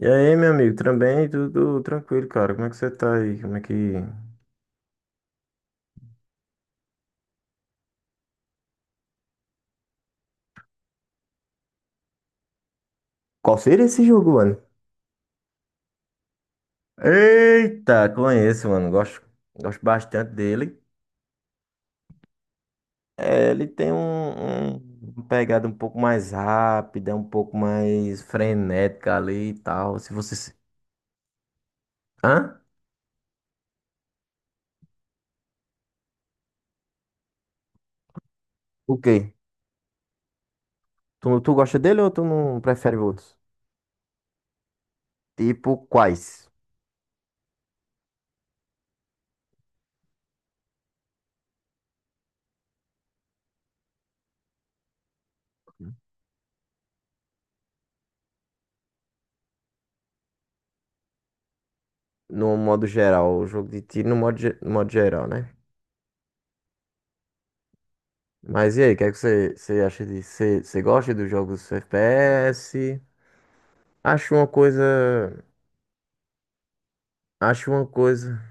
E aí, meu amigo, também tudo tranquilo, cara. Como é que você tá aí? Como é que. Qual seria esse jogo, mano? Eita, conheço, mano. Gosto bastante dele. É, ele tem uma pegada um pouco mais rápida, um pouco mais frenética ali e tal. Se você. Se- Hã? O quê? Tu gosta dele ou tu não prefere outros? Tipo, quais? No modo geral, o jogo de tiro no modo geral, né? Mas e aí, o que é que você acha disso? Você gosta dos jogos FPS? Acho uma coisa. Acho uma coisa.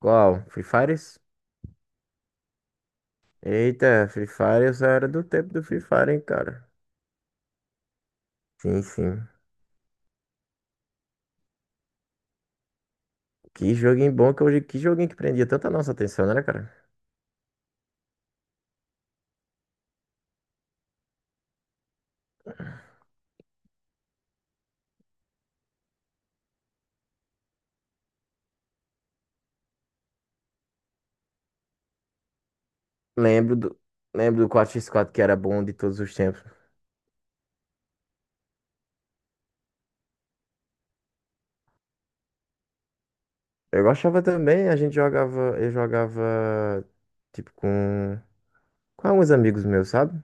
Qual? Free Fires? Eita, Free Fire, eu só era do tempo do Free Fire, hein, cara. Sim, sim. Que joguinho bom que hoje. Que joguinho que prendia tanta nossa atenção, né, cara? Lembro do, lembro do quatro x quatro que era bom de todos os tempos. Eu gostava também, a gente jogava. Eu jogava. Tipo, Com alguns amigos meus, sabe?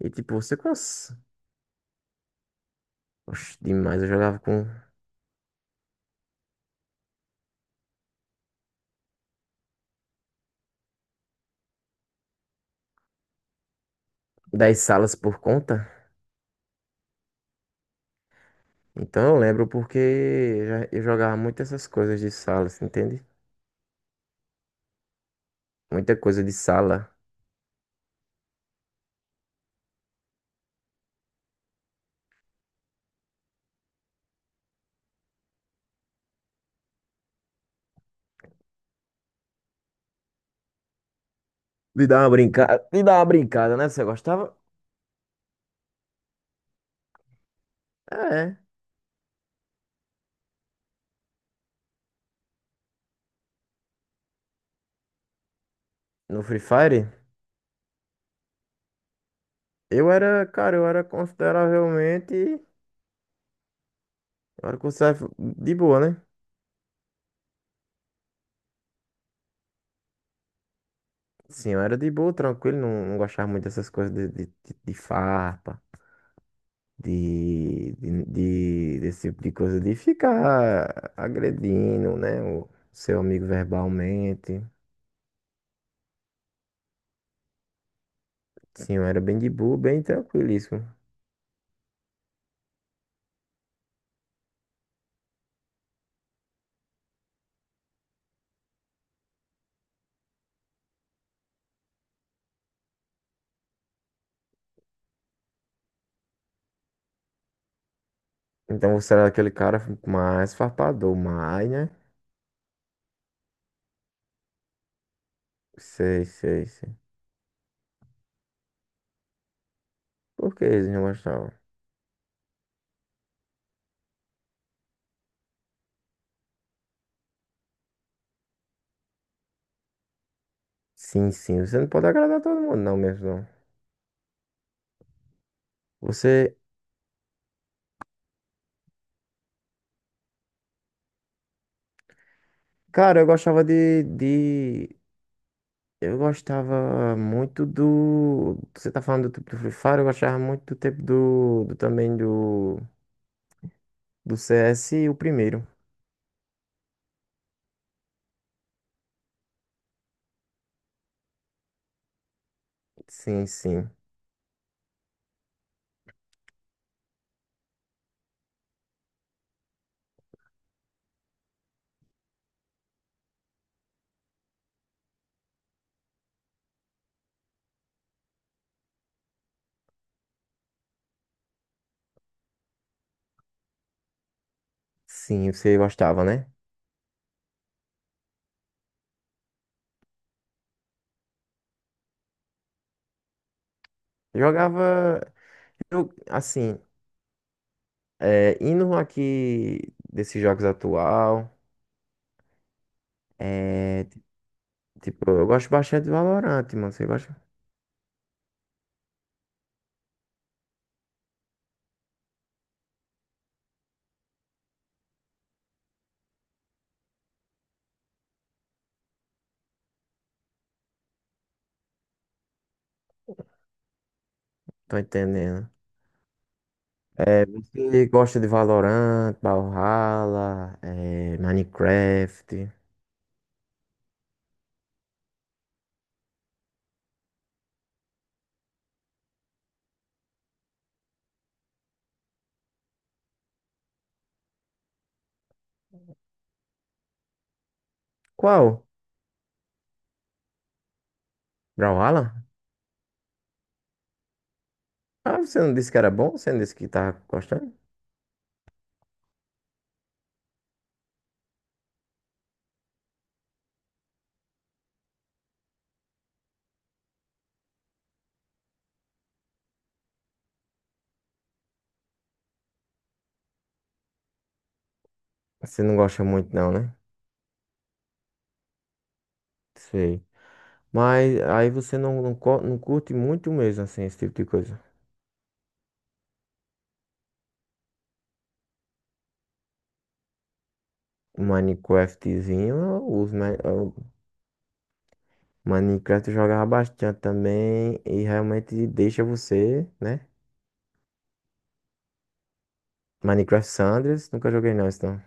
E tipo, você cons... Oxe, demais. Eu jogava com. Das salas por conta? Então eu lembro porque eu jogava muito essas coisas de sala, você entende? Muita coisa de sala. De dar uma brincada, né? Você gostava? É. No Free Fire, eu era, cara, eu era consideravelmente, eu era considerável de boa, né? Sim, eu era de boa, tranquilo, não gostava muito dessas coisas de farpa, desse tipo de coisa, de ficar agredindo, né? O seu amigo verbalmente. Sim, eu era bem de boa, bem tranquilíssimo. Então você era aquele cara mais farpador, mais, né? Sei, sei, sei. Por que eles não gostavam? Sim, sim, você não pode agradar todo mundo, não mesmo, não. Você. Cara, eu gostava de. Eu gostava muito do. Você tá falando do tempo do Free Fire, eu gostava muito do tempo do. Do também do. Do CS, o primeiro. Sim, sim. Sim, você gostava, né? Jogava. Eu, assim. É, indo um aqui desses jogos atual, é, tipo, eu gosto bastante de Valorant, mano. Você gosta? Tô entendendo. Você gosta de Valorant, Brawlhalla, é, Minecraft? Qual? Brawlhalla? Ah, você não disse que era bom? Você não disse que tá gostando? Você não gosta muito não, né? Sei. Mas aí você não curte muito mesmo, assim, esse tipo de coisa. Um Minecraftzinho, eu uso, né? Minecraft eu jogava bastante também e realmente deixa você, né? Minecraft Sanders, nunca joguei não, então.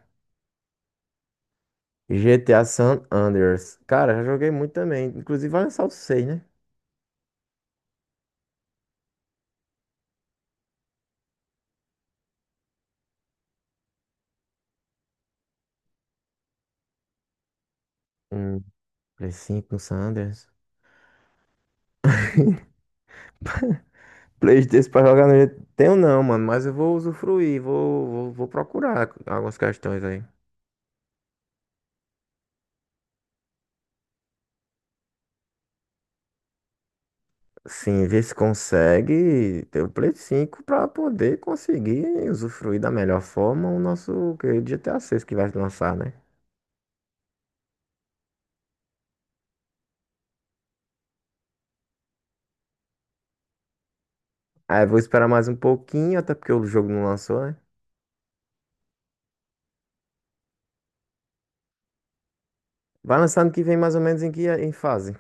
GTA San Andreas. Cara, já joguei muito também. Inclusive vai lançar o 6, né? Um Play 5 no San Andreas. Playstation pra jogar no GTA. Tenho não, mano, mas eu vou usufruir, vou procurar algumas questões aí. Sim, ver se consegue ter o Play 5 pra poder conseguir usufruir da melhor forma o nosso querido GTA 6 que vai lançar, né? Aí eu vou esperar mais um pouquinho, até porque o jogo não lançou, né? Vai lançar ano que vem mais ou menos em que em fase?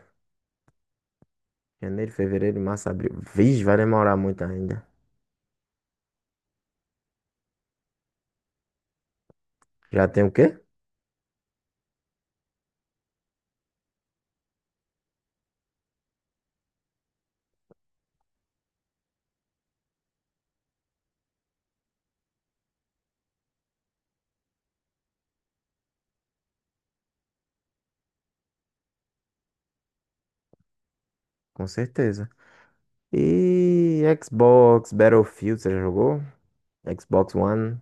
Janeiro, fevereiro, março, abril. Vixe, vai demorar muito ainda. Já tem o quê? Com certeza. E Xbox, Battlefield, você já jogou? Xbox One.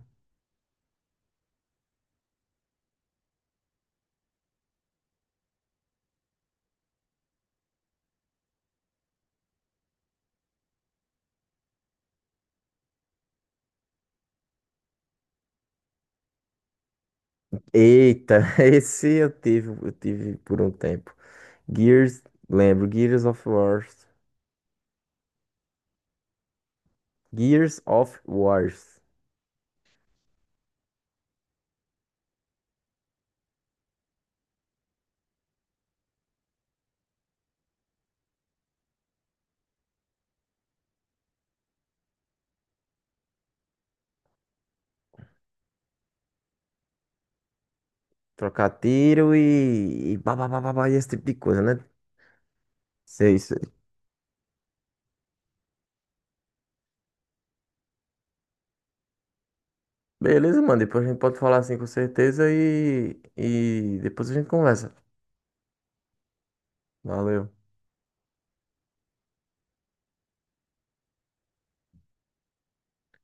Eita, esse eu tive por um tempo. Gears, lembro, Gears of Wars. Gears of Wars. Trocar tiro e, pá, pá, pá, pá, pá, e esse tipo de coisa, né? Sei. Beleza, mano. Depois a gente pode falar assim com certeza e depois a gente conversa. Valeu.